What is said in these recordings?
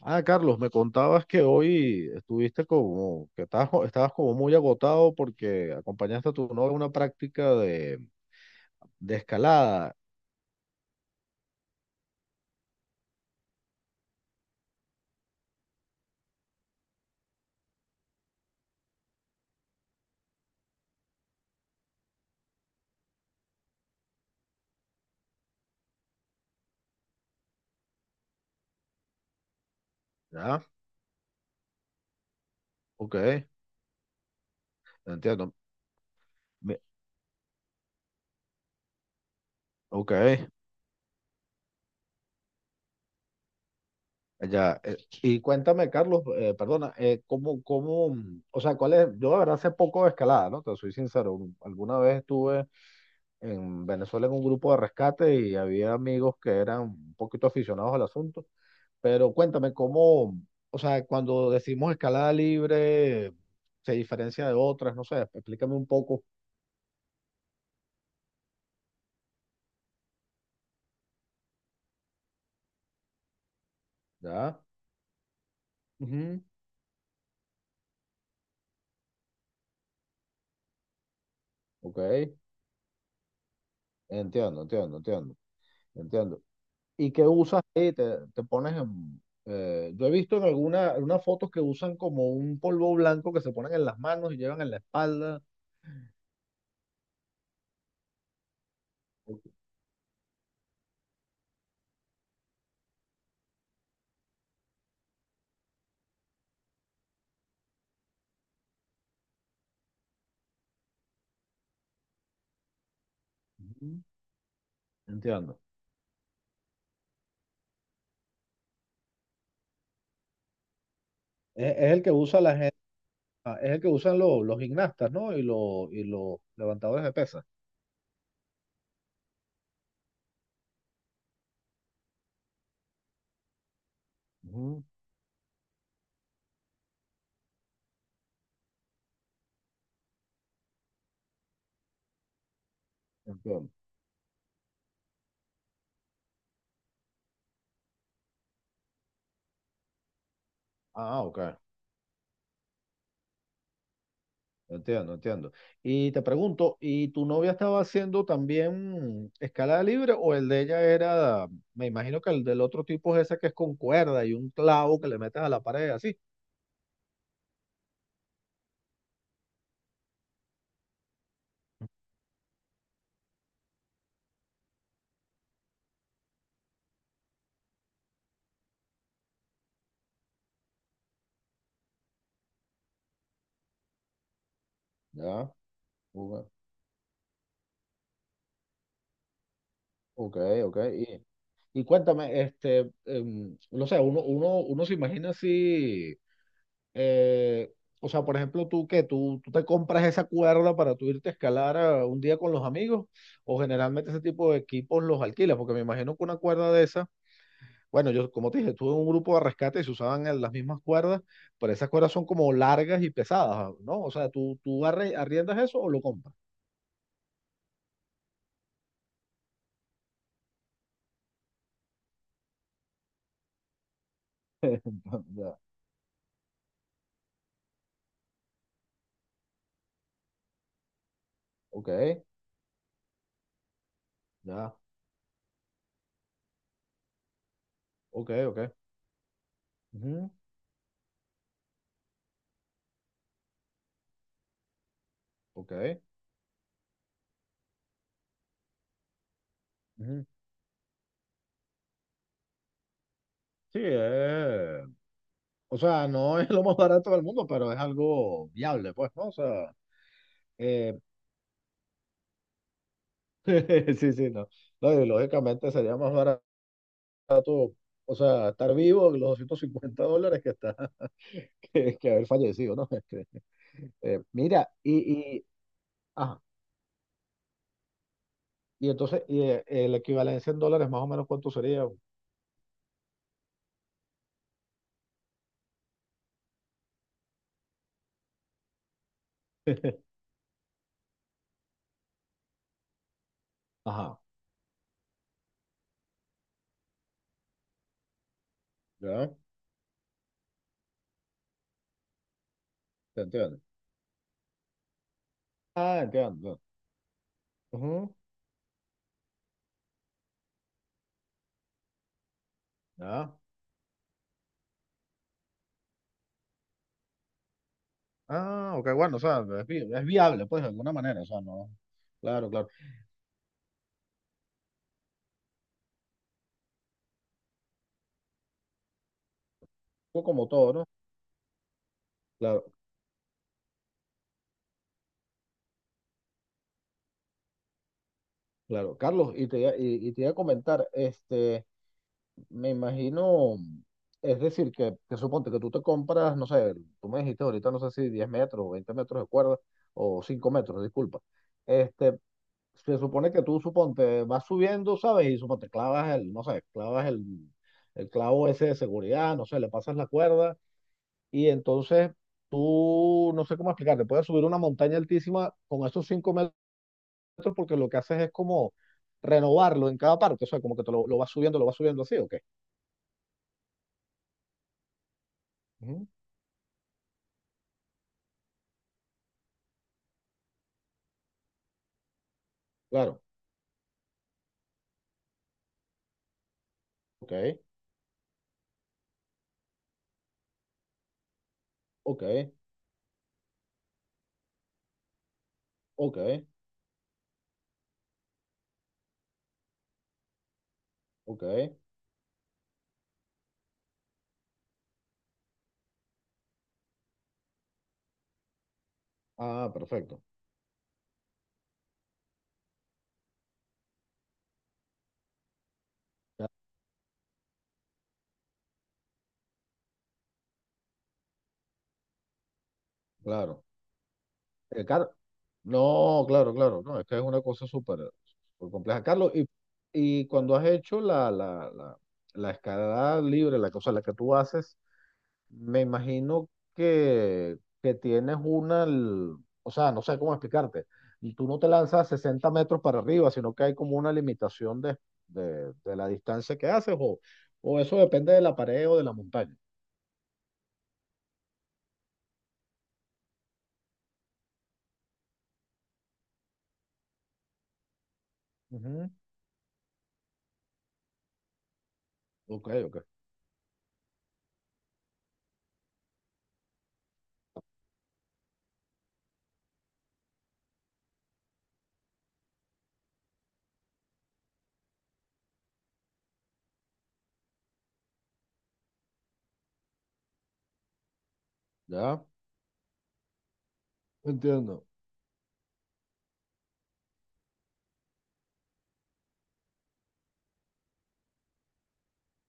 Ah, Carlos, me contabas que hoy estuviste como, que estabas, estabas como muy agotado porque acompañaste a tu novia a una práctica de escalada, ¿ya? Ok, entiendo. Me- ok, ya. Y cuéntame, Carlos, perdona, ¿cómo, o sea, cuál es, yo de verdad sé poco de escalada, ¿no? Te soy sincero, alguna vez estuve en Venezuela en un grupo de rescate y había amigos que eran un poquito aficionados al asunto. Pero cuéntame cómo, o sea, cuando decimos escalada libre, se diferencia de otras, no sé, explícame un poco. ¿Ya? Ujú. Ok. Entiendo, entiendo, entiendo, entiendo. ¿Y qué usas ahí? Te pones en yo he visto en alguna, en unas fotos que usan como un polvo blanco que se ponen en las manos y llevan en la espalda. Ujú. Entiendo. Es el que usa la gente, es el que usan los gimnastas, ¿no? Y, los levantadores de pesas. Ujú. Entiendo. Ah, ok. Entiendo, entiendo. Y te pregunto, ¿y tu novia estaba haciendo también escalada libre o el de ella era, me imagino que el del otro tipo es ese que es con cuerda y un clavo que le metes a la pared así? Ya, ok, ok. Ok. Y cuéntame, no sé, uno se imagina así, eh, o sea, por ejemplo, tú que tú te compras esa cuerda para tú irte a escalar a un día con los amigos, o generalmente ese tipo de equipos los alquilas, porque me imagino que una cuerda de esa. Bueno, yo, como te dije, estuve en un grupo de rescate y se usaban las mismas cuerdas, pero esas cuerdas son como largas y pesadas, ¿no? O sea, ¿Tú arriendas eso o lo compras? Ya, ok. Ya, ok, ok, ujú, ok. Ujú. Sí, o sea, no es lo más barato del mundo, pero es algo viable, pues, ¿no? O sea, Eh, sí, sí, no. No, y lógicamente sería más barato, o sea, estar vivo los 50 dólares que está, que haber fallecido, ¿no? Mira, y, mm. Ajá. Y entonces, equivalencia en dólares, más o menos, ¿cuánto sería? Ajá. ¿Ya? Te entiendo. Ah, entiendo. Ujú. ¿Ya? Ah, ok, bueno, o sea, es, es viable, pues, de alguna manera, o sea, no. Claro, claro. Fue como todo, ¿no? Claro, claro. Carlos, y te iba a comentar, me imagino, es decir, que suponte que tú te compras, no sé, tú me dijiste ahorita, no sé si 10 metros o 20 metros de cuerda, o 5 metros, disculpa. Este, Se supone que tú, suponte, vas subiendo, ¿sabes? Y suponte, clavas el, no sé, clavas el clavo ese de seguridad, no sé, le pasas la cuerda y entonces tú, no sé cómo explicarte, puedes subir una montaña altísima con esos 5 metros, porque lo que haces es como renovarlo en cada parte, o sea, como que te lo vas subiendo, lo vas subiendo así, ¿o qué? Ujú. Claro, ok, ok, ok, ok. Ah, perfecto. Ya. Claro. Eh, Car- No, claro, claro, no, es que es una cosa súper súper compleja. Carlos, y cuando has hecho la escalada libre, la cosa la que tú haces, me imagino que tienes una, o sea, no sé cómo explicarte, y tú no te lanzas 60 metros para arriba, sino que hay como una limitación de, la distancia que haces, o eso depende de la pared o de la montaña. Ujú. Ok, ok, ya, entiendo.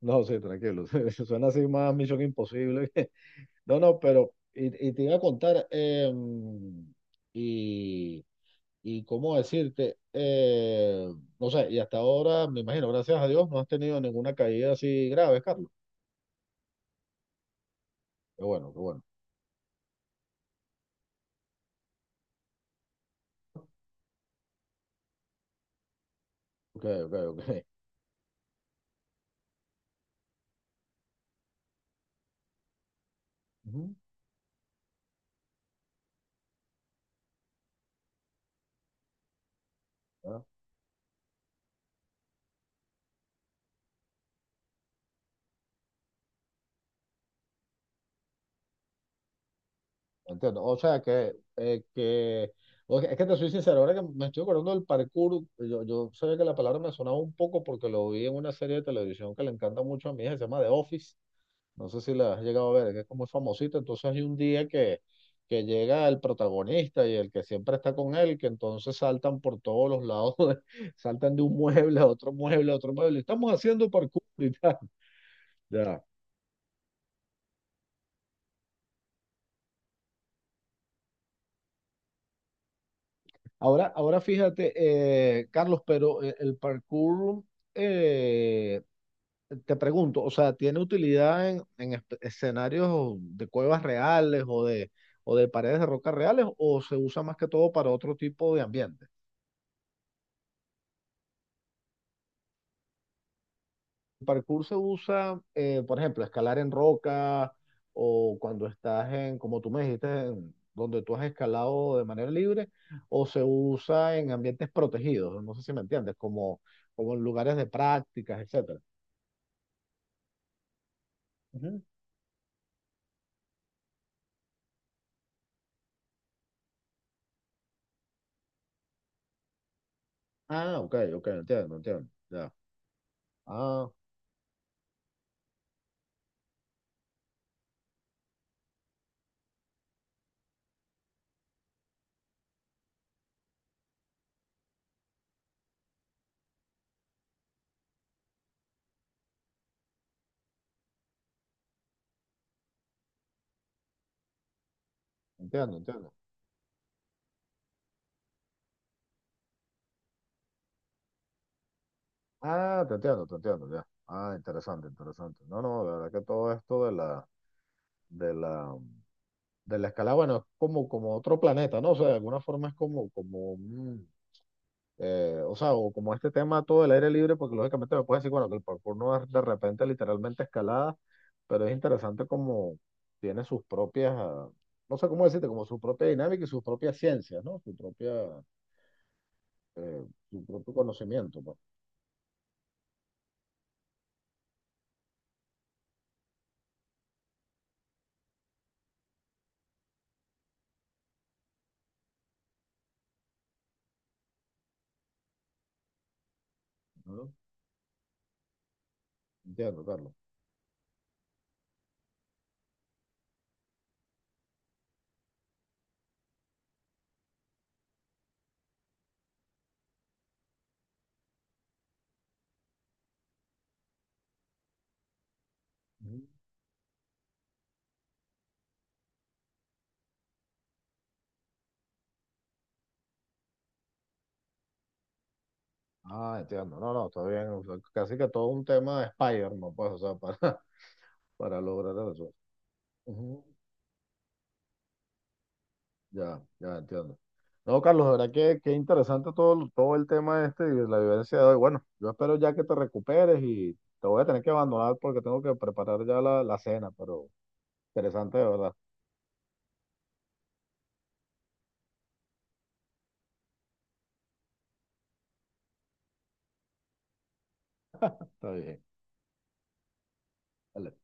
No, sí, tranquilo. Suena así más Misión Imposible. No, no, pero y te iba a contar, y, y cómo decirte, no sé, y hasta ahora, me imagino, gracias a Dios, no has tenido ninguna caída así grave, Carlos. Qué bueno, qué bueno. Ok, ok, ok. Ujú, ya. Entiendo. O sea que o sea, es que te soy sincero, ahora que me estoy acordando del parkour, yo sabía que la palabra me sonaba un poco porque lo vi en una serie de televisión que le encanta mucho a mi hija, se llama The Office. No sé si la has llegado a ver, que es como famosita. Entonces hay un día que llega el protagonista y el que siempre está con él, que entonces saltan por todos los lados, saltan de un mueble a otro mueble a otro mueble. Estamos haciendo parkour y tal. Ya. Ahora fíjate, Carlos, pero el parkour, eh, te pregunto, o sea, ¿tiene utilidad en, escenarios de cuevas reales o o de paredes de roca reales o se usa más que todo para otro tipo de ambiente? El parkour se usa, por ejemplo, escalar en roca o cuando estás en, como tú me dijiste, en donde tú has escalado de manera libre, o se usa en ambientes protegidos, no sé si me entiendes, como, como en lugares de prácticas, etcétera. Ujú. Ah, ok, ok, entiendo, entiendo, ya. Ah, entiendo, entiendo. Ah, te entiendo, ya. Ah, interesante, interesante. No, no, la verdad que todo esto de la, de la, escalada, bueno, es como, como otro planeta, ¿no? O sea, de alguna forma es como o sea, o como este tema todo el aire libre, porque lógicamente me puedes decir, bueno, que el parkour no es de repente literalmente escalada, pero es interesante como tiene sus propias, no sé cómo decirte, como su propia dinámica y sus propias ciencias, ¿no? Su propia, su propio conocimiento, pues, ¿no? Entiendo, Carlos. Ujú. Ah, entiendo, no, no, está bien, o sea, casi que todo un tema de Spider-Man, pues, o sea, para, para lograr eso. Ujú. Ya, ya entiendo. No, Carlos, de verdad que interesante todo el tema este y la vivencia de hoy. Bueno, yo espero ya que te recuperes y te voy a tener que abandonar porque tengo que preparar ya la cena, pero interesante de verdad. Está bien. Dale.